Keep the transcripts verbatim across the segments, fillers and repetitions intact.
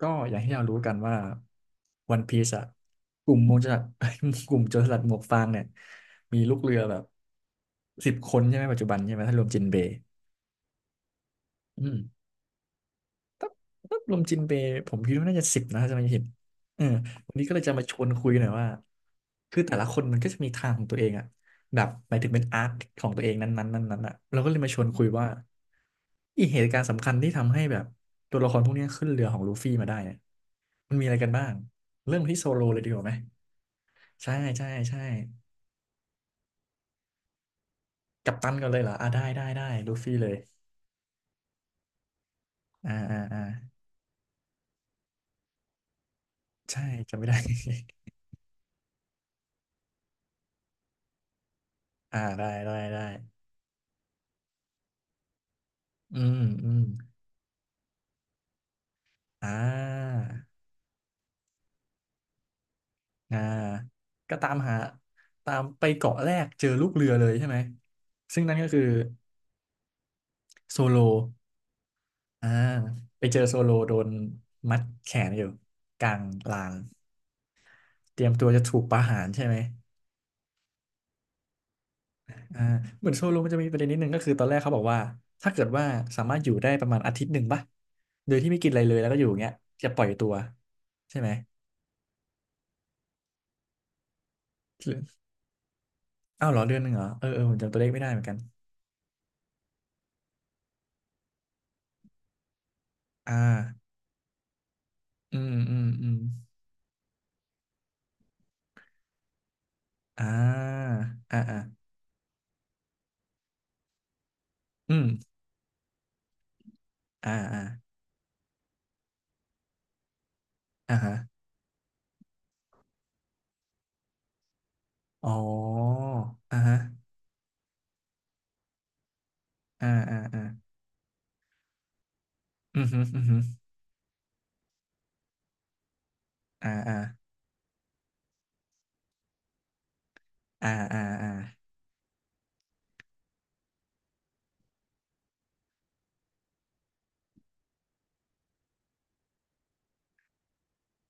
ก็อย่างที่เรารู้กันว่าวันพีซอะกลุ่มโมูจรสลัด กลุ่มโจรสลัดหมวกฟางเนี่ย มีลูกเรือแบบสิบคนใช่ไหมปัจจุบันใช่ไหมถ้ารวมจินเบย์อืม ถ้าถ้ารวมจินเบย์ผมคิดว่าน่าจะสิบนะถ้าจะไม่ผิดเออวันนี้ก็เลยจะมาชวนคุยหน่อยว่าคือแต่ละคนมันก็จะมีทางของตัวเองอะแบบหมายถึงเป็นอาร์คของตัวเองนั้นๆนั้นนั้นอะเราก็เลยมาชวนคุยว่าอีเหตุการณ์สำคัญที่ทำให้แบบตัวละครพวกเนี้ยขึ้นเรือของลูฟี่มาได้เนี่ยมันมีอะไรกันบ้างเริ่มที่โซโลเลยดีกว่าไหมใช่ใช่ใช่กัปตันก่อนเลยเหรออ่าได้ได้ได้ลูฟี่เลยอ่าอ่าอ่าใช่จำไม่ได้ อ่าได้ได้ได้อืมอืม อ่าอ่าก็ตามหาตามไปเกาะแรกเจอลูกเรือเลยใช่ไหมซึ่งนั่นก็คือโซโลอ่าไปเจอโซโลโดนมัดแขนอยู่กลางลานเตรียมตัวจะถูกประหารใช่ไหมอ่าเหมือนโซโลมันจะมีประเด็นนิดนึงก็คือตอนแรกเขาบอกว่าถ้าเกิดว่าสามารถอยู่ได้ประมาณอาทิตย์หนึ่งป่ะโดยที่ไม่กินอะไรเลยแล้วก็อยู่อย่างเงี้ยจะปล่อยตัวใช่ไหมหรืออ้าวเหรอเดือนหนึ่งเหรอเออเออผมจำตัวเลขไม่ได้เหมือนกันอ่าอืมอืมอืม อ่าอ่าอ่าอืมอ่าอ่าอ่าฮะอ๋ออ่าฮะอ่าอ่าอ่าอืมฮึอืมฮึอ่าอ่าอ่าอ่าอ่า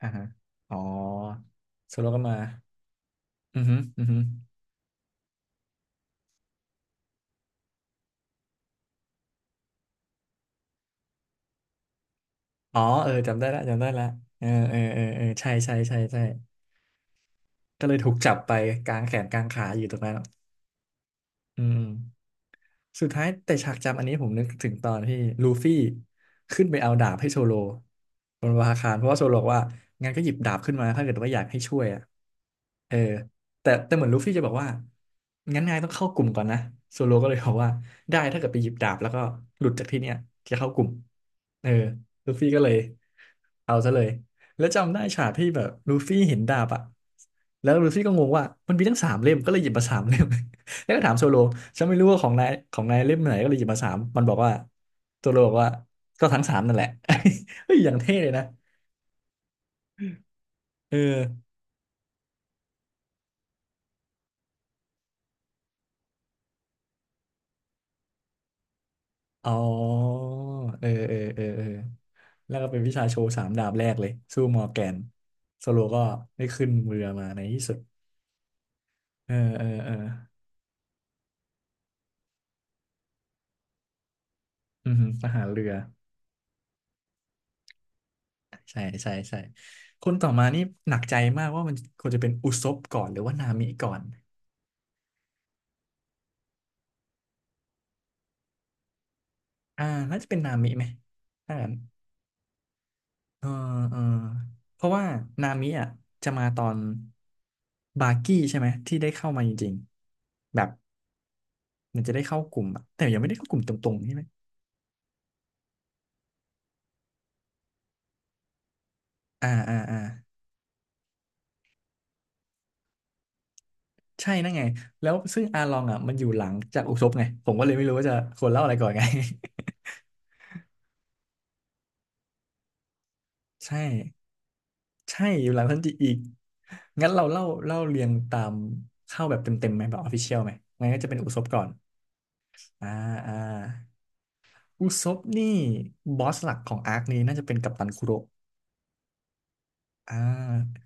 อ่าฮะอ๋อโซโลก็มาอืมฮึอืมฮึอ๋อเออจำได้ละจำได้ละเออเออเออเออใช่ใช่ใช่ใช่ก็เลยถูกจับไปกลางแขนกลางขาอยู่ตรงนั้นอืม สุดท้ายแต่ฉากจำอันนี้ผมนึกถึงตอนที่ลูฟี่ขึ้นไปเอาดาบให้โซโลบนวาคารเพราะว่าโซโลบอกว่างั้นก็หยิบดาบขึ้นมาถ้าเกิดว่าอยากให้ช่วยอ่ะเออแต่แต่เหมือนลูฟี่จะบอกว่างั้นนายต้องเข้ากลุ่มก่อนนะโซโลก็เลยบอกว่าได้ถ้าเกิดไปหยิบดาบแล้วก็หลุดจากที่เนี้ยจะเข้ากลุ่มเออลูฟี่ก็เลยเอาซะเลยแล้วจำได้ฉากที่แบบลูฟี่เห็นดาบอ่ะแล้วลูฟี่ก็งงว่ามันมีทั้งสามเล่มก็เลยหยิบมาสามเล่ม แล้วก็ถามโซโลฉันไม่รู้ว่าของนายของนายเล่มไหนก็เลยหยิบมาสามมันบอกว่าโซโลบอกว่าก็ทั้งสามนั่นแหละ เฮ้ยอย่างเท่เลยนะเอออ๋อเออเออเออเออแล้วก็เป็นวิชาโชว์สามดาบแรกเลยสู้มอร์แกนโซโลก็ได้ขึ้นเรือมาในที่สุดเออเออเอออืมทหารเรือใช่ใช่ใช่คนต่อมานี่หนักใจมากว่ามันควรจะเป็นอุซบก่อนหรือว่านามิก่อนอ่าน่าจะเป็นนามิไหมถ้างั้น เออเออเพราะว่านามิอ่ะจะมาตอนบากี้ใช่ไหมที่ได้เข้ามาจริงๆแบบเหมันจะได้เข้ากลุ่มอะแต่ยังไม่ได้เข้ากลุ่มตรงๆใช่ไหมอ่าอ่าอ่าใช่นั่นไงแล้วซึ่งอาลองอ่ะมันอยู่หลังจากอุซบไงผมก็เลยไม่รู้ว่าจะควรเล่าอะไรก่อนไง ใช่ใช่อยู่หลังทันจิอีกงั้นเราเล่าเล่าเรียงตามเข้าแบบเต็มๆไหมแบบออฟฟิเชียลไหมงั้นก็จะเป็นอุซบก่อนอ่าอ่าอุซบนี่บอสหลักของอาร์คนี้น่าจะเป็นกัปตันคุโระ อ่า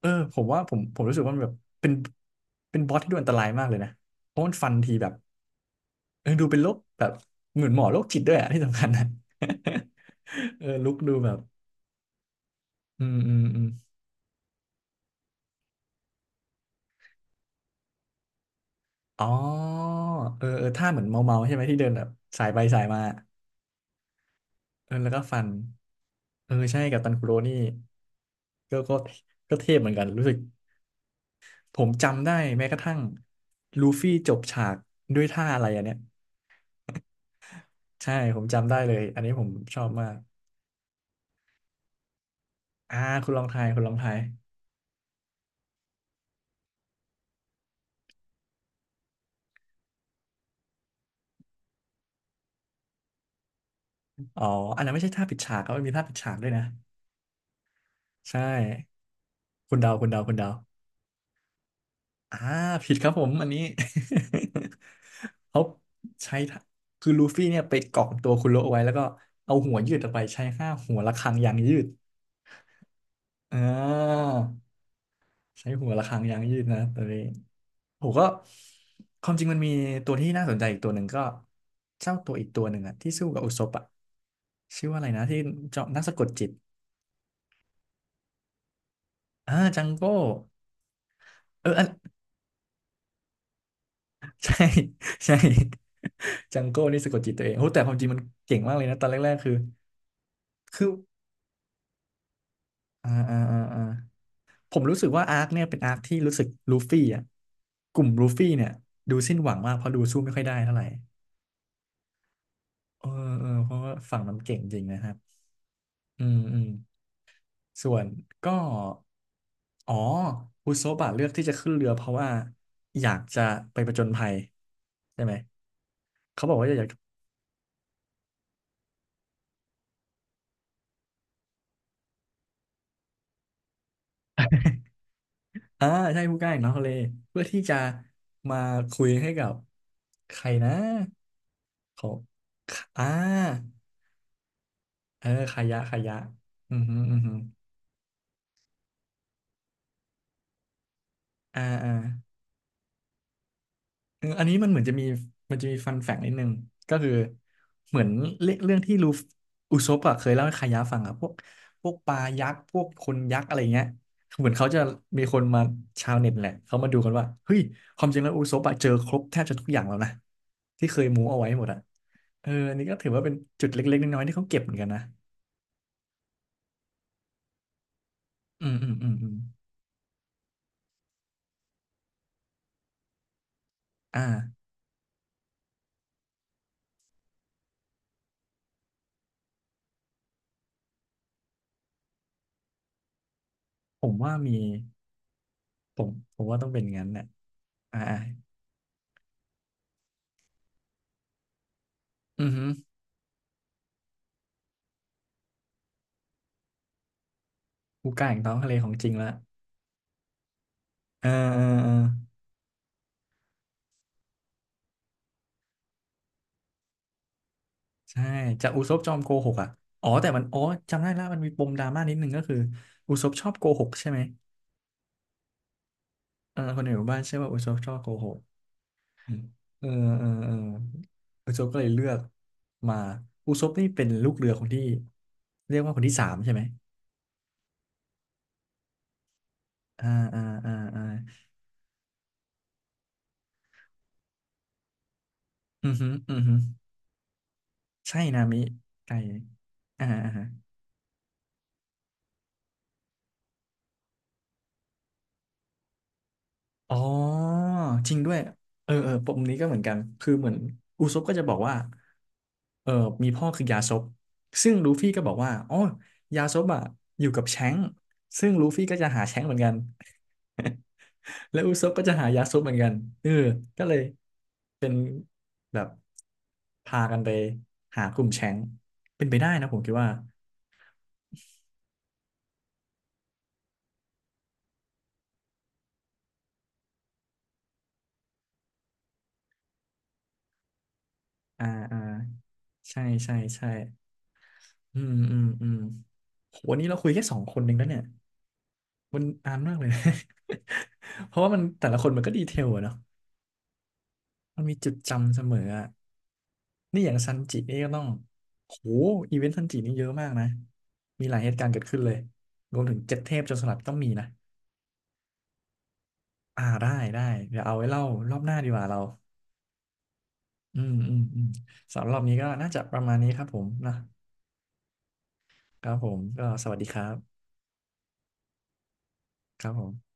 เออผมว่าผมผมรู้สึกว่ามันแบบเป็นเป็นบอสที่ดูอันตรายมากเลยนะเพราะมันฟันทีแบบเออดูเป็นโรคแบบเหมือนหมอโรคจิตด้วยอะที่สำคัญนะ เออลุกดูแบบอืมอืมอืมอ๋อเออเออท่าเหมือนเมาเมาใช่ไหมที่เดินแบบสายไปสายมาเออแล้วก็ฟันเออใช่กับตันคุโรนี่ก็ก็ก็เทพเหมือนกันรู้สึกผมจำได้แม้กระทั่งลูฟี่จบฉากด้วยท่าอะไรอันเนี้ย ใช่ผมจำได้เลยอันนี้ผมชอบมากอ่าคุณลองทายคุณลองทายอ๋ออันนั้นไม่ใช่ท่าปิดฉากครับมันมีท่าปิดฉากด้วยนะใช่คุณเดาคุณเดาคุณเดาอ่าผิดครับผมอันนี้ เขาใช้ท่าคือลูฟี่เนี่ยไปเกาะตัวคุณโลเอาไว้แล้วก็เอาหัวยืดออกไปใช้ห้าหัวระฆังยางยืดอ่าใช้หัวระฆังยางยืดนะตัวนี้ ผมก็ความจริงมันมีตัวที่น่าสนใจอีกตัวหนึ่งก็เจ้าตัวอีกตัวหนึ่งอะที่สู้กับอุศปอะชื่อว่าอะไรนะที่เจาะนักสะกดจิตอ่าจังโก้เอออัน ใช่ใช่ จังโก้นี่สะกดจิตตัวเองโอ้แต่ความจริงมันเก่งมากเลยนะตอนแรกๆคือคืออ่าอ่าอ่าอ่าผมรู้สึกว่าอาร์คเนี่ยเป็นอาร์คที่รู้สึกลูฟี่อ่ะกลุ่มลูฟี่เนี่ยดูสิ้นหวังมากเพราะดูสู้ไม่ค่อยได้เท่าไหร่เออเออเพราะว่าฝั่งมันเก่งจริงนะครับอืมอืม ส่วนก็อ๋ออุโซบะเลือกที่จะขึ้นเรือเพราะว่าอยากจะไปผจญภัยใช่ไหมเขาบอกว่าจะอยากอ่าใช่ผู้กล้าอย่างน้องทะเลเพื่อที่จะมาคุยให้กับใครนะเขาอ่าเออขายะขายะอือฮึอือฮึอ่าอ่า เอออันนี้มันเหมือนจะมีมันจะมีฟันแฟกนิดนึงก็คือเหมือนเรื่องเรื่องที่ลูฟอุซปอะเคยเล่าให้คายะฟังอะพวกพวกปลายักษ์พวกคนยักษ์อะไรเงี้ยเหมือนเขาจะมีคนมาชาวเน็ตแหละเขามาดูกันว่าเฮ้ยความจริงแล้วอุซปอะเจอครบแทบจะทุกอย่างแล้วนะที่เคยมูเอาไว้หมดอะเอออันนี้ก็ถือว่าเป็นจุดเล็กๆน้อยๆที่เขาเก็บเหมือนกันนะอืมอืมอืมอืมอ่าผมว่ามีผมผมว่าต้องเป็นงั้นน่ะอ่าอ่าอือฮึฮูก้าแห่งท้องทะเลของจริงละเออเออเออ ใช่จากอุซบจอมโกหกอ่ะอ๋อแต่มันอ๋อจำได้ละมันมีปมดราม่านิดนึงก็คืออุซบชอบโกหกใช่ไหมเออคนในหมู่บ้านเชื่อว่าอุซบชอบโกหกอืมเออเออเอออุซบก็เลยเลือกมาอุซบนี่เป็นลูกเรือคนที่เรียกว่าคนที่สามใช่ไหมอ่าอ่าอ่าอ่าอือฮึอือฮึใช่นามิไก่อ่าอ่า อ๋อจริงด้วยเออเออปมนี้ก็เหมือนกันคือเหมือนอุซบก็จะบอกว่าเออมีพ่อคือยาซบซึ่งลูฟี่ก็บอกว่าอ๋อยาซบอ่ะอยู่กับแชงก์ซึ่งลูฟี่ก็จะหาแชงก์เหมือนกันและอุซบก็จะหายาซบเหมือนกันเออก็เลยแบบพากันไปหากลุ่มแชงก์เป็นไปได้นะผมคิดว่าอ่าอ่าใช่ใช่ใช่อืมอืมอืมโหวันนี้เราคุยแค่สองคนเองแล้วเนี่ย มันนานมากเลยนะ เพราะว่ามันแต่ละคนมันก็ดีเทลอะเนาะมันมีจุดจำเสมออะนี่อย่างซันจินี่ก็ต้องโหอีเวนต์ซันจินี่เยอะมากนะมีหลายเหตุการณ์เกิดขึ้นเลยรวมถึงเจ็ดเทพโจรสลัดก็มีนะอ่าได้ได้เดี๋ยวเอาไว้เล่ารอบหน้าดีกว่าเราอืมอืมอืมสำหรับรอบนี้ก็น่าจะประมาณนี้ครับผมนะครับผมก็สวัสดีครับครับผม